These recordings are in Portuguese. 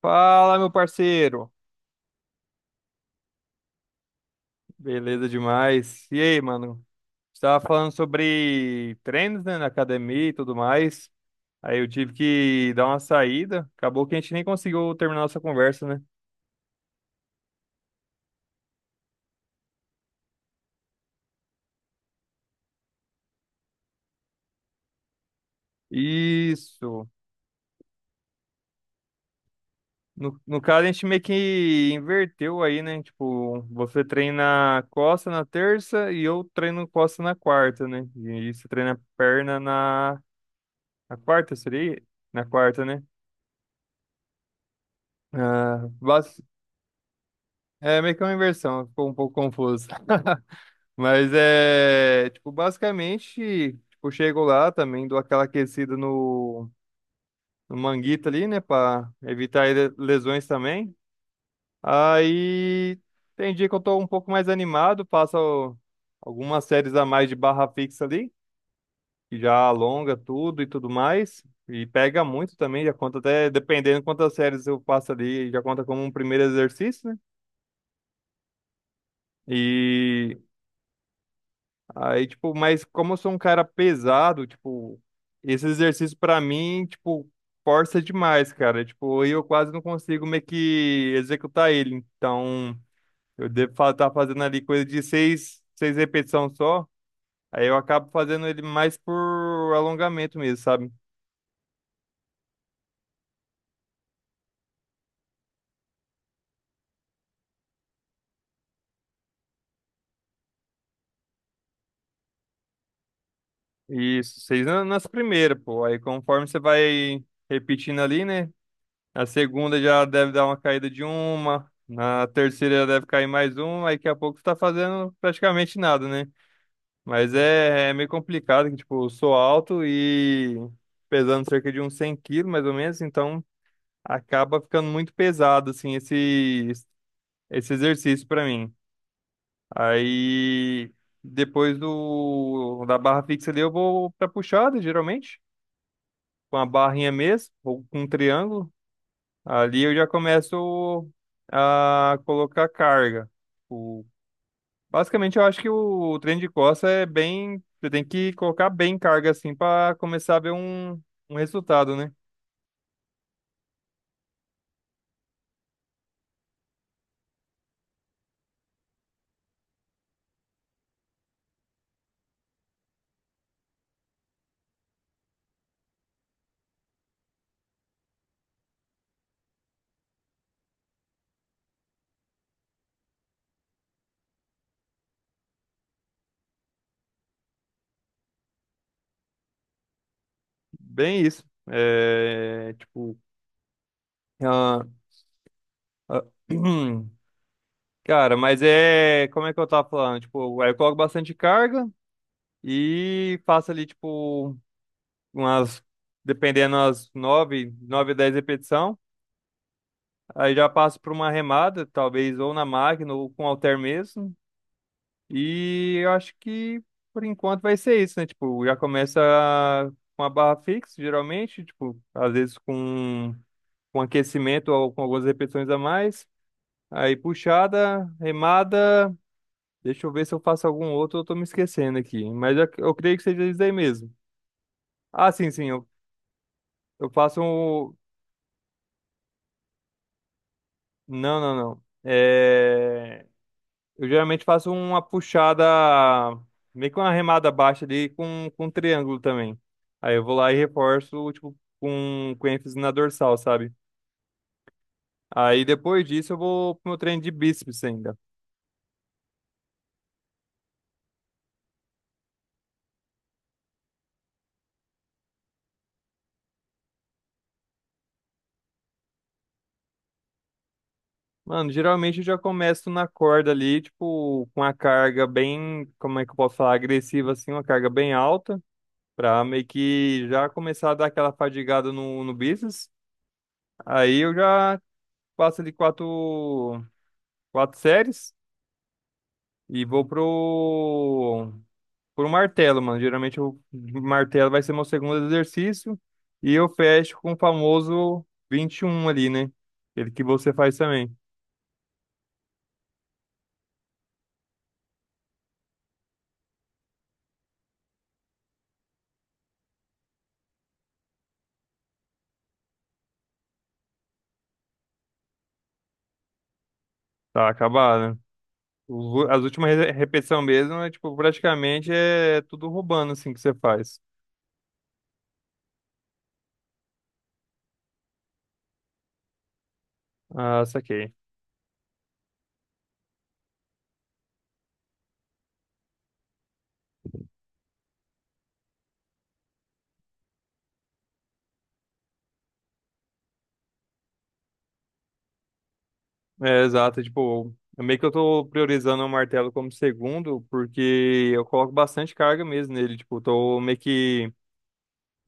Fala, meu parceiro. Beleza demais. E aí, mano? Estava falando sobre treinos, né, na academia e tudo mais. Aí eu tive que dar uma saída. Acabou que a gente nem conseguiu terminar nossa conversa, né? Isso. No caso, a gente meio que inverteu aí, né? Tipo, você treina costa na terça e eu treino costa na quarta, né? E você treina perna na quarta, seria? Na quarta, né? Ah, é meio que uma inversão, ficou um pouco confuso. Mas é, tipo, basicamente, tipo, chego lá também, dou aquela aquecida no manguito ali, né, pra evitar lesões também. Aí tem dia que eu tô um pouco mais animado, passo algumas séries a mais de barra fixa ali, que já alonga tudo e tudo mais. E pega muito também, já conta até, dependendo quantas séries eu passo ali, já conta como um primeiro exercício, né? E aí, tipo, mas como eu sou um cara pesado, tipo, esse exercício pra mim, tipo, força demais, cara. Tipo, aí eu quase não consigo meio que executar ele. Então, eu devo estar fazendo ali coisa de seis repetições só. Aí eu acabo fazendo ele mais por alongamento mesmo, sabe? Isso, seis nas primeiras, pô. Aí conforme você vai repetindo ali, né? A segunda já deve dar uma caída de uma. Na terceira já deve cair mais uma. Aí daqui a pouco você tá fazendo praticamente nada, né? Mas é meio complicado, que tipo, eu sou alto e pesando cerca de uns 100 quilos, mais ou menos. Então acaba ficando muito pesado, assim, esse exercício pra mim. Aí depois do, da barra fixa ali eu vou pra puxada, geralmente. Com a barrinha mesmo, ou com um triângulo. Ali eu já começo a colocar carga. O- Basicamente, eu acho que o treino de costas é bem. Você tem que colocar bem carga assim para começar a ver um resultado, né? Bem isso. É, tipo. ah, ah, cara, mas é. Como é que eu tava falando? Tipo, aí eu coloco bastante carga e faço ali, tipo, umas. Dependendo, umas nove 10 repetições. Aí já passo por uma remada, talvez ou na máquina ou com halter mesmo. E eu acho que por enquanto vai ser isso, né? Tipo, já começa com a barra fixa, geralmente, tipo, às vezes com aquecimento ou com algumas repetições a mais. Aí puxada, remada. Deixa eu ver se eu faço algum outro, eu tô me esquecendo aqui. Mas eu creio que seja isso aí mesmo. Ah, sim, sim, eu faço um. Não, não, não. É. Eu geralmente faço uma puxada, meio que uma remada baixa ali com um triângulo também. Aí eu vou lá e reforço, tipo, com ênfase na dorsal, sabe? Aí depois disso eu vou pro meu treino de bíceps ainda. Mano, geralmente eu já começo na corda ali, tipo, com uma carga bem, como é que eu posso falar, agressiva assim, uma carga bem alta, pra meio que já começar a dar aquela fadigada no bíceps. Aí eu já passo ali quatro séries. E vou pro martelo, mano. Geralmente o martelo vai ser meu segundo exercício. E eu fecho com o famoso 21 ali, né? Aquele que você faz também. Tá acabado, né? As últimas repetição mesmo é, tipo, praticamente é tudo roubando, assim, que você faz. Ah, saquei. É, exato. Tipo, é meio que eu tô priorizando o martelo como segundo, porque eu coloco bastante carga mesmo nele. Tipo, eu tô meio que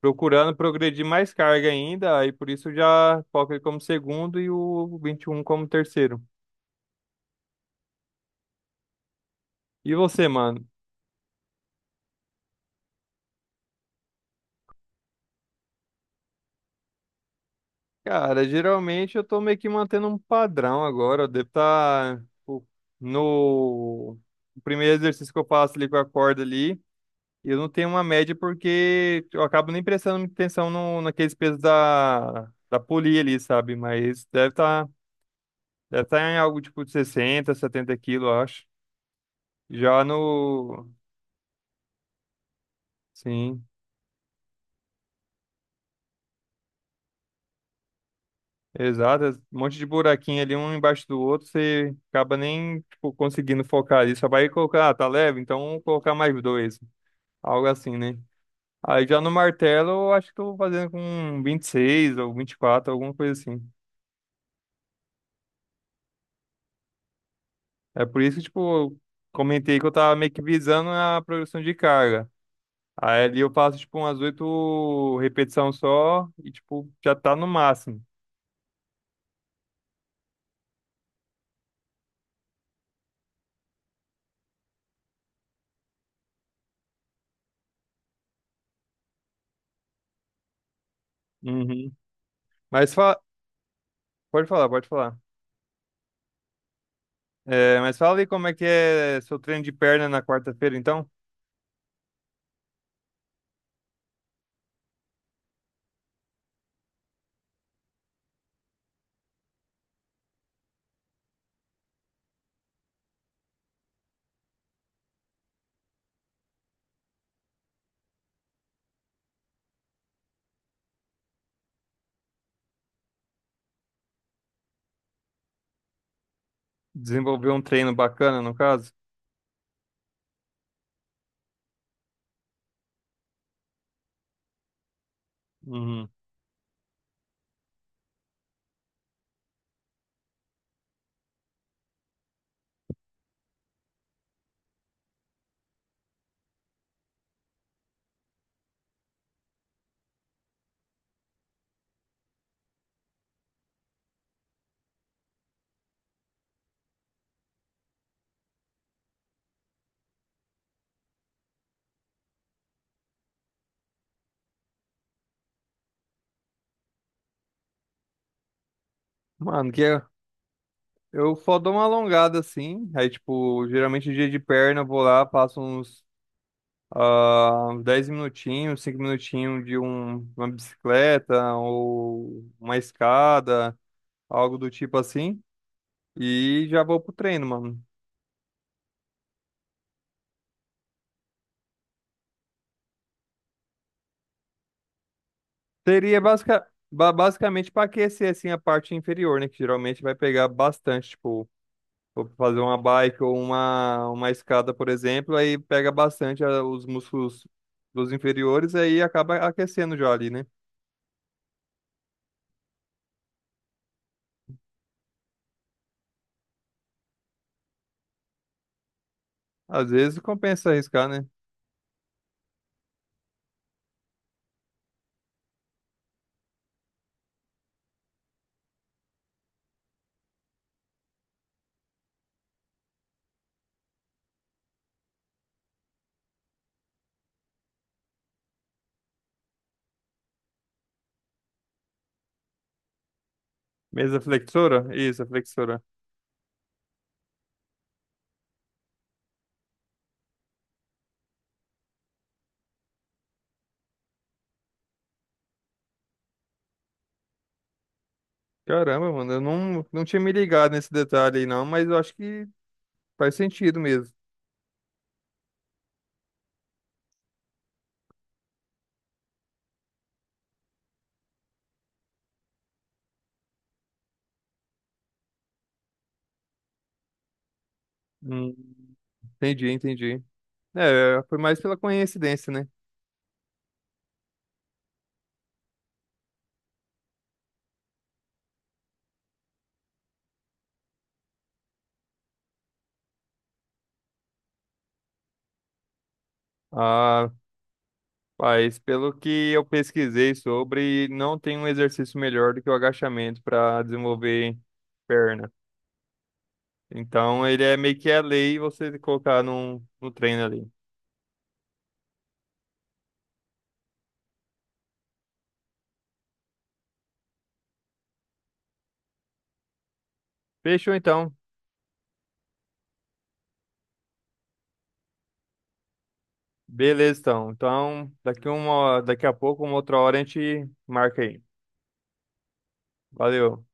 procurando progredir mais carga ainda, aí por isso já coloco ele como segundo e o 21 como terceiro. E você, mano? Cara, geralmente eu tô meio que mantendo um padrão agora. Eu devo estar no o primeiro exercício que eu faço ali com a corda ali. Eu não tenho uma média porque eu acabo nem prestando muita atenção no, naqueles pesos da polia ali, sabe? Mas deve tá em algo tipo de 60, 70 quilos, eu acho. Já no. Sim. Exato, é um monte de buraquinho ali, um embaixo do outro, você acaba nem, tipo, conseguindo focar ali. Só vai colocar, ah, tá leve, então vamos colocar mais dois. Algo assim, né? Aí já no martelo, eu acho que eu vou fazendo com 26 ou 24, alguma coisa assim. É por isso que, tipo, eu comentei que eu tava meio que visando a progressão de carga. Aí ali eu faço, tipo, umas oito repetições só e, tipo, já tá no máximo. Uhum. Mas pode falar, pode falar. É, mas fala aí como é que é seu treino de perna na quarta-feira, então? Desenvolveu um treino bacana, no caso? Uhum. Mano, que eu só dou uma alongada assim. Aí, tipo, geralmente dia de perna eu vou lá, passo uns 10 minutinhos, 5 minutinhos de uma bicicleta ou uma escada, algo do tipo assim. E já vou pro treino, mano. Seria basicamente pra aquecer assim a parte inferior, né? Que geralmente vai pegar bastante, tipo. For fazer uma bike ou uma escada, por exemplo, aí pega bastante os músculos dos inferiores e aí acaba aquecendo já ali, né? Às vezes compensa arriscar, né? Mesa flexora? Isso, a flexora. Caramba, mano, eu não, não tinha me ligado nesse detalhe aí, não, mas eu acho que faz sentido mesmo. Hum, Entendi, entendi. É, foi mais pela coincidência, né? Ah, mas pelo que eu pesquisei sobre, não tem um exercício melhor do que o agachamento para desenvolver perna. Então ele é meio que a lei você colocar no treino ali. Fechou então. Beleza então. Então, daqui a pouco, uma outra hora a gente marca aí. Valeu.